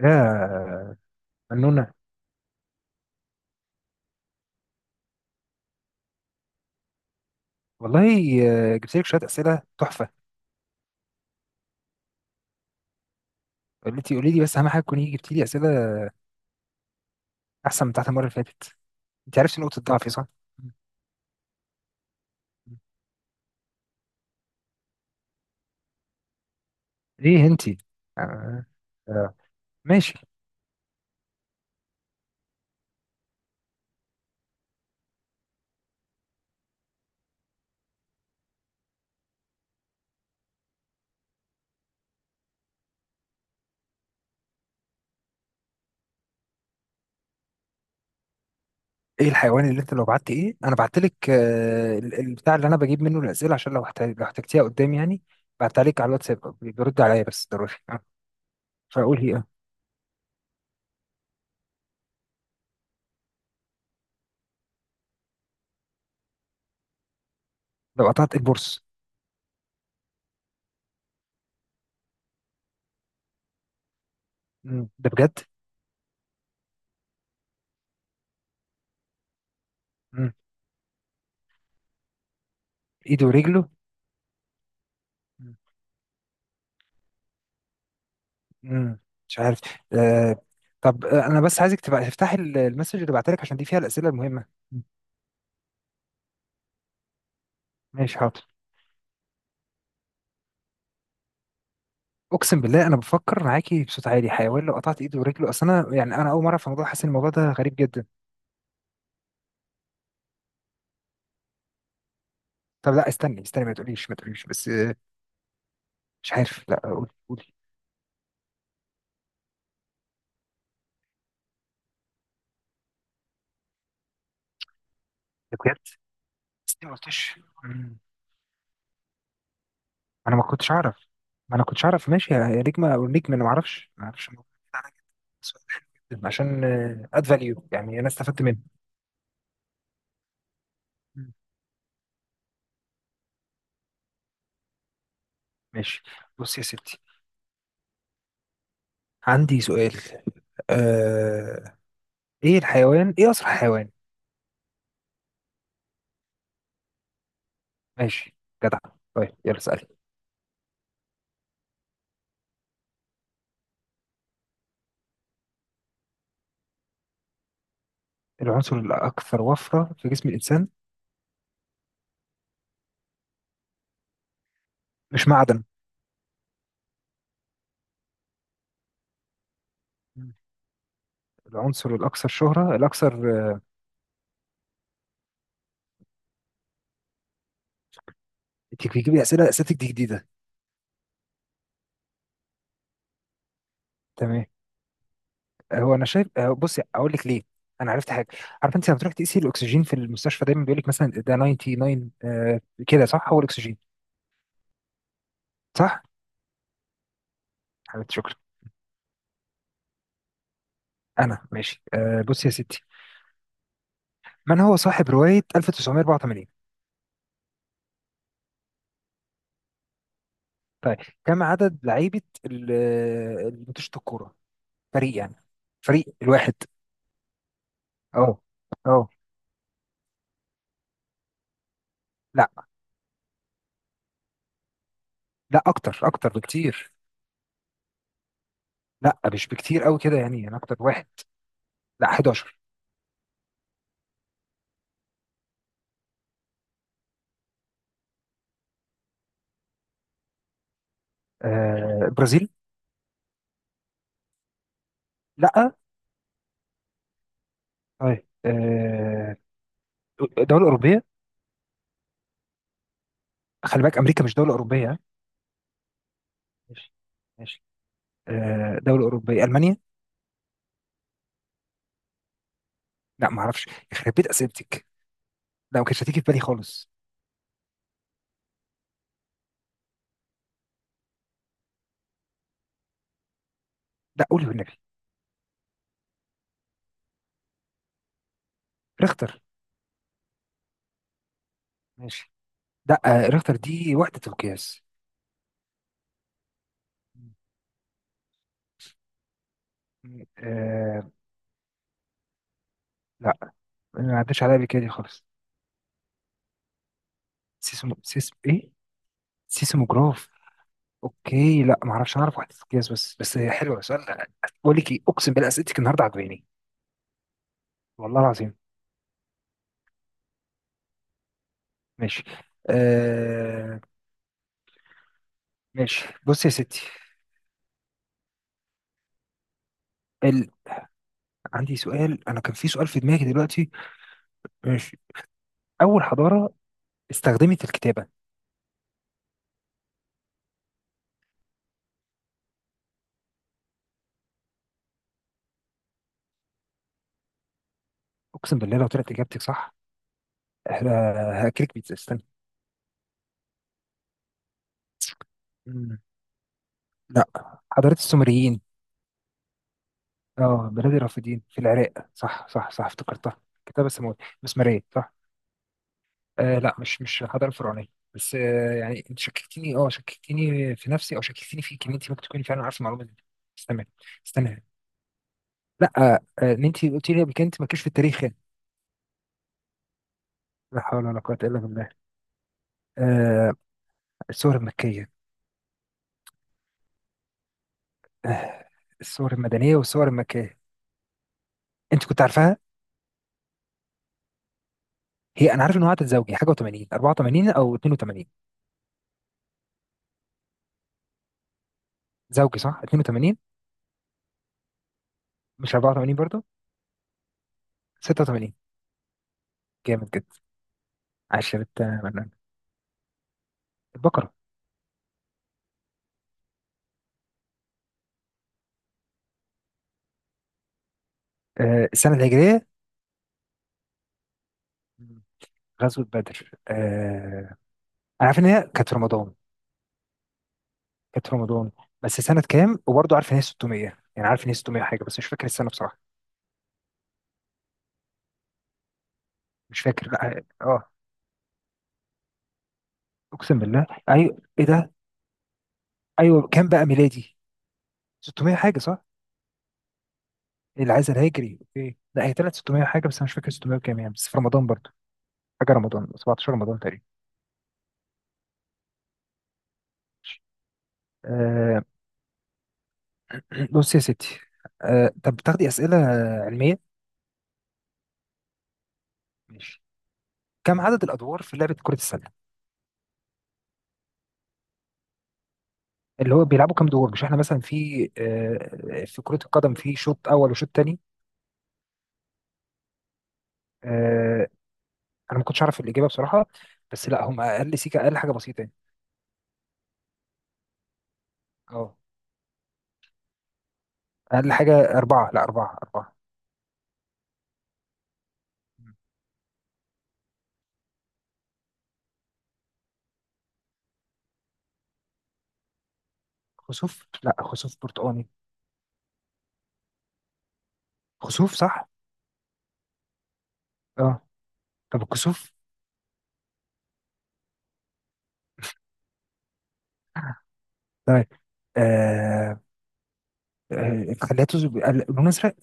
يا فنونة. والله، جبت لك شوية أسئلة تحفة. قلت لي قولي لي بس أهم حاجة تكوني جبتي لي أسئلة أحسن من بتاعت المرة اللي فاتت. أنت عرفتي نقطة ضعفي صح؟ ليه أنت؟ آه. آه. ماشي. إيه الحيوان اللي أنت لو بعت إيه؟ أنا بعت لك، البتاع اللي أنا بجيب منه الأسئلة، عشان لو لو احتجتيها قدام يعني. بعتها لك على الواتساب، بيرد عليا بس ضروري. آه. فأقول هي إيه؟ آه. لو قطعت البورص؟ مم. ده بجد؟ مم. إيده ورجله. مم. مش عارف. آه. طب، انا بس عايزك تبقى تفتحي المسج اللي بعتلك، عشان دي فيها الاسئله المهمه. مم. ماشي حاضر. اقسم بالله انا بفكر معاكي بصوت عالي. حيوان لو قطعت ايده ورجله، اصل انا يعني انا اول مره في الموضوع، حاسس ان الموضوع ده غريب جدا. طب لا استني استني، ما تقوليش ما تقوليش بس. مش عارف. لا قولي قولي. ده بجد؟ بس ليه ما قلتش؟ مم. انا ما كنتش اعرف. ما انا كنتش اعرف. ماشي يا نجمه او نجم، انا ما اعرفش ما اعرفش. الموضوع ده عليا جداً. سؤال حلو جداً، عشان اد فاليو يعني انا استفدت منه. مم. ماشي، بص يا ستي. عندي سؤال. آه... ايه الحيوان، ايه اسرع حيوان؟ ماشي، جدع. طيب يلا اسال. العنصر الاكثر وفرة في جسم الانسان؟ مش معدن. مم. العنصر الاكثر شهرة، الاكثر، انت بتجيب لي اسئله، اسئله دي جديده. تمام. هو انا شايف، بصي اقول لك ليه. انا عرفت حاجه. عارف انت لما تروح تقيسي الاكسجين في المستشفى دايما بيقول لك مثلا ده 99، كده صح، هو الاكسجين؟ صح. حبيبتي شكرا. انا ماشي. بصي يا ستي، من هو صاحب روايه 1984؟ طيب، كم عدد لعيبة اللي بتشوط الكورة، فريق يعني، فريق الواحد؟ اه. اه. لا. لا اكتر اكتر بكتير. لا مش بكتير قوي كده يعني، يعني اكتر واحد. لا، 11. آه برازيل. لا. طيب، آه دولة أوروبية. خلي بالك أمريكا مش دولة أوروبية ها؟ ماشي. ماشي. آه دولة أوروبية، ألمانيا. لا ما اعرفش. يخرب بيت أسئلتك. لا ما كانتش هتيجي في بالي خالص. لا قولي والنبي. ريختر. ماشي. لا. آه ريختر دي وحدة القياس. آه. لا. ما عداش عليا قبل كده دي خالص. سيسم سيسم ايه؟ سيسموجراف. اوكي لا ما اعرفش، اعرف واحد قياس بس. بس هي حلوه سؤال. بقول لك ايه، اقسم بالله اسئلتك النهارده عجباني. والله العظيم. ماشي. آه. ماشي، بص يا ستي. ال... عندي سؤال، انا كان في سؤال في دماغي دلوقتي. ماشي. اول حضاره استخدمت الكتابه؟ اقسم بالله لو طلعت اجابتك صح، هاكلك بيتزا استنى. مم. لا، حضاره السومريين. اه بلاد الرافدين في العراق، صح صح صح، افتكرتها. كتاب السماوي، مسمارية صح. آه لا، مش حضارة فرعونية. بس آه يعني انت شككتني، اه شككتني في نفسي، او شككتني فيك، ان انت ممكن تكوني فعلا عارفه المعلومة دي. بس تمام. استنى. لا، ان انت قلت لي قبل كده انت مالكيش في التاريخ يعني. لا حول ولا قوة الا بالله. آه. الصور المكية. آه. الصور المدنية والصور المكية. انت كنت عارفاها؟ هي انا عارف ان هو عدد زوجي حاجة، و80، 84 او 82. زوجي صح، 82؟ مش 84 برضه؟ 86؟ جامد جدا. عشرة، من البقرة. آه السنة الهجرية. مم. غزوة بدر آه، أنا عارف إن هي كانت في رمضان. كانت في رمضان، بس سنة كام؟ وبرضه عارف إن هي 600 يعني، عارف إن هي 600 حاجة، بس مش فاكر السنة بصراحة. مش فاكر، لا. آه آه، أقسم بالله أيوه، إيه ده؟ أيوه كام بقى ميلادي؟ 600 حاجة صح. العزل الهجري أوكي. لا هي طلعت 600 حاجة، بس أنا مش فاكر 600 كام يعني، بس في رمضان برضه حاجة، رمضان 17، رمضان تقريبا. آه. بص يا ستي، آه طب بتاخدي أسئلة علمية؟ ماشي. كم عدد الادوار في لعبه كره السله؟ اللي هو بيلعبوا كام دور، مش احنا مثلا في، في كره القدم في شوط اول وشوط تاني. آه، انا ما كنتش اعرف الاجابه بصراحه. بس لا هم اقل سيكه، اقل حاجه بسيطه يعني. اه. اقل حاجه اربعه. لا اربعه اربعه. خسوف. لا خسوف برتقاني. خسوف صح. اه. طب الكسوف. طيب. آه. خليته بقى لون ازرق.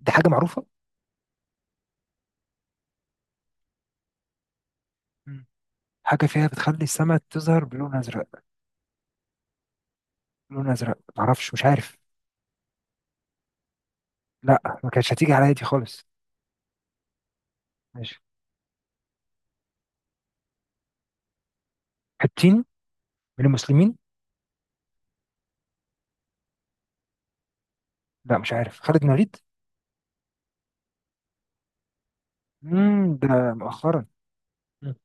دي حاجه معروفه. مم. حاجه فيها بتخلي السماء تظهر بلون ازرق. لون ازرق معرفش، مش عارف. لا ما كانتش هتيجي عليا دي خالص. ماشي. حتين؟ من المسلمين؟ لا مش عارف، خالد الوليد. ده مؤخرا. مم.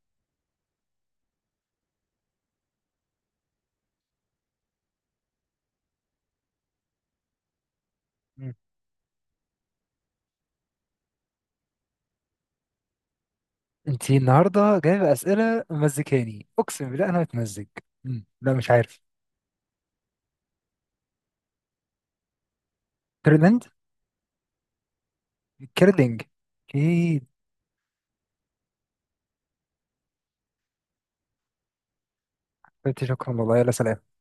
مم. انتي النهارده جايبه اسئله مزكاني، اقسم بالله انا متمزج. مم. لا مش عارف. تايلاند. كيرلينج. اكيد. شكرا والله، يلا سلام.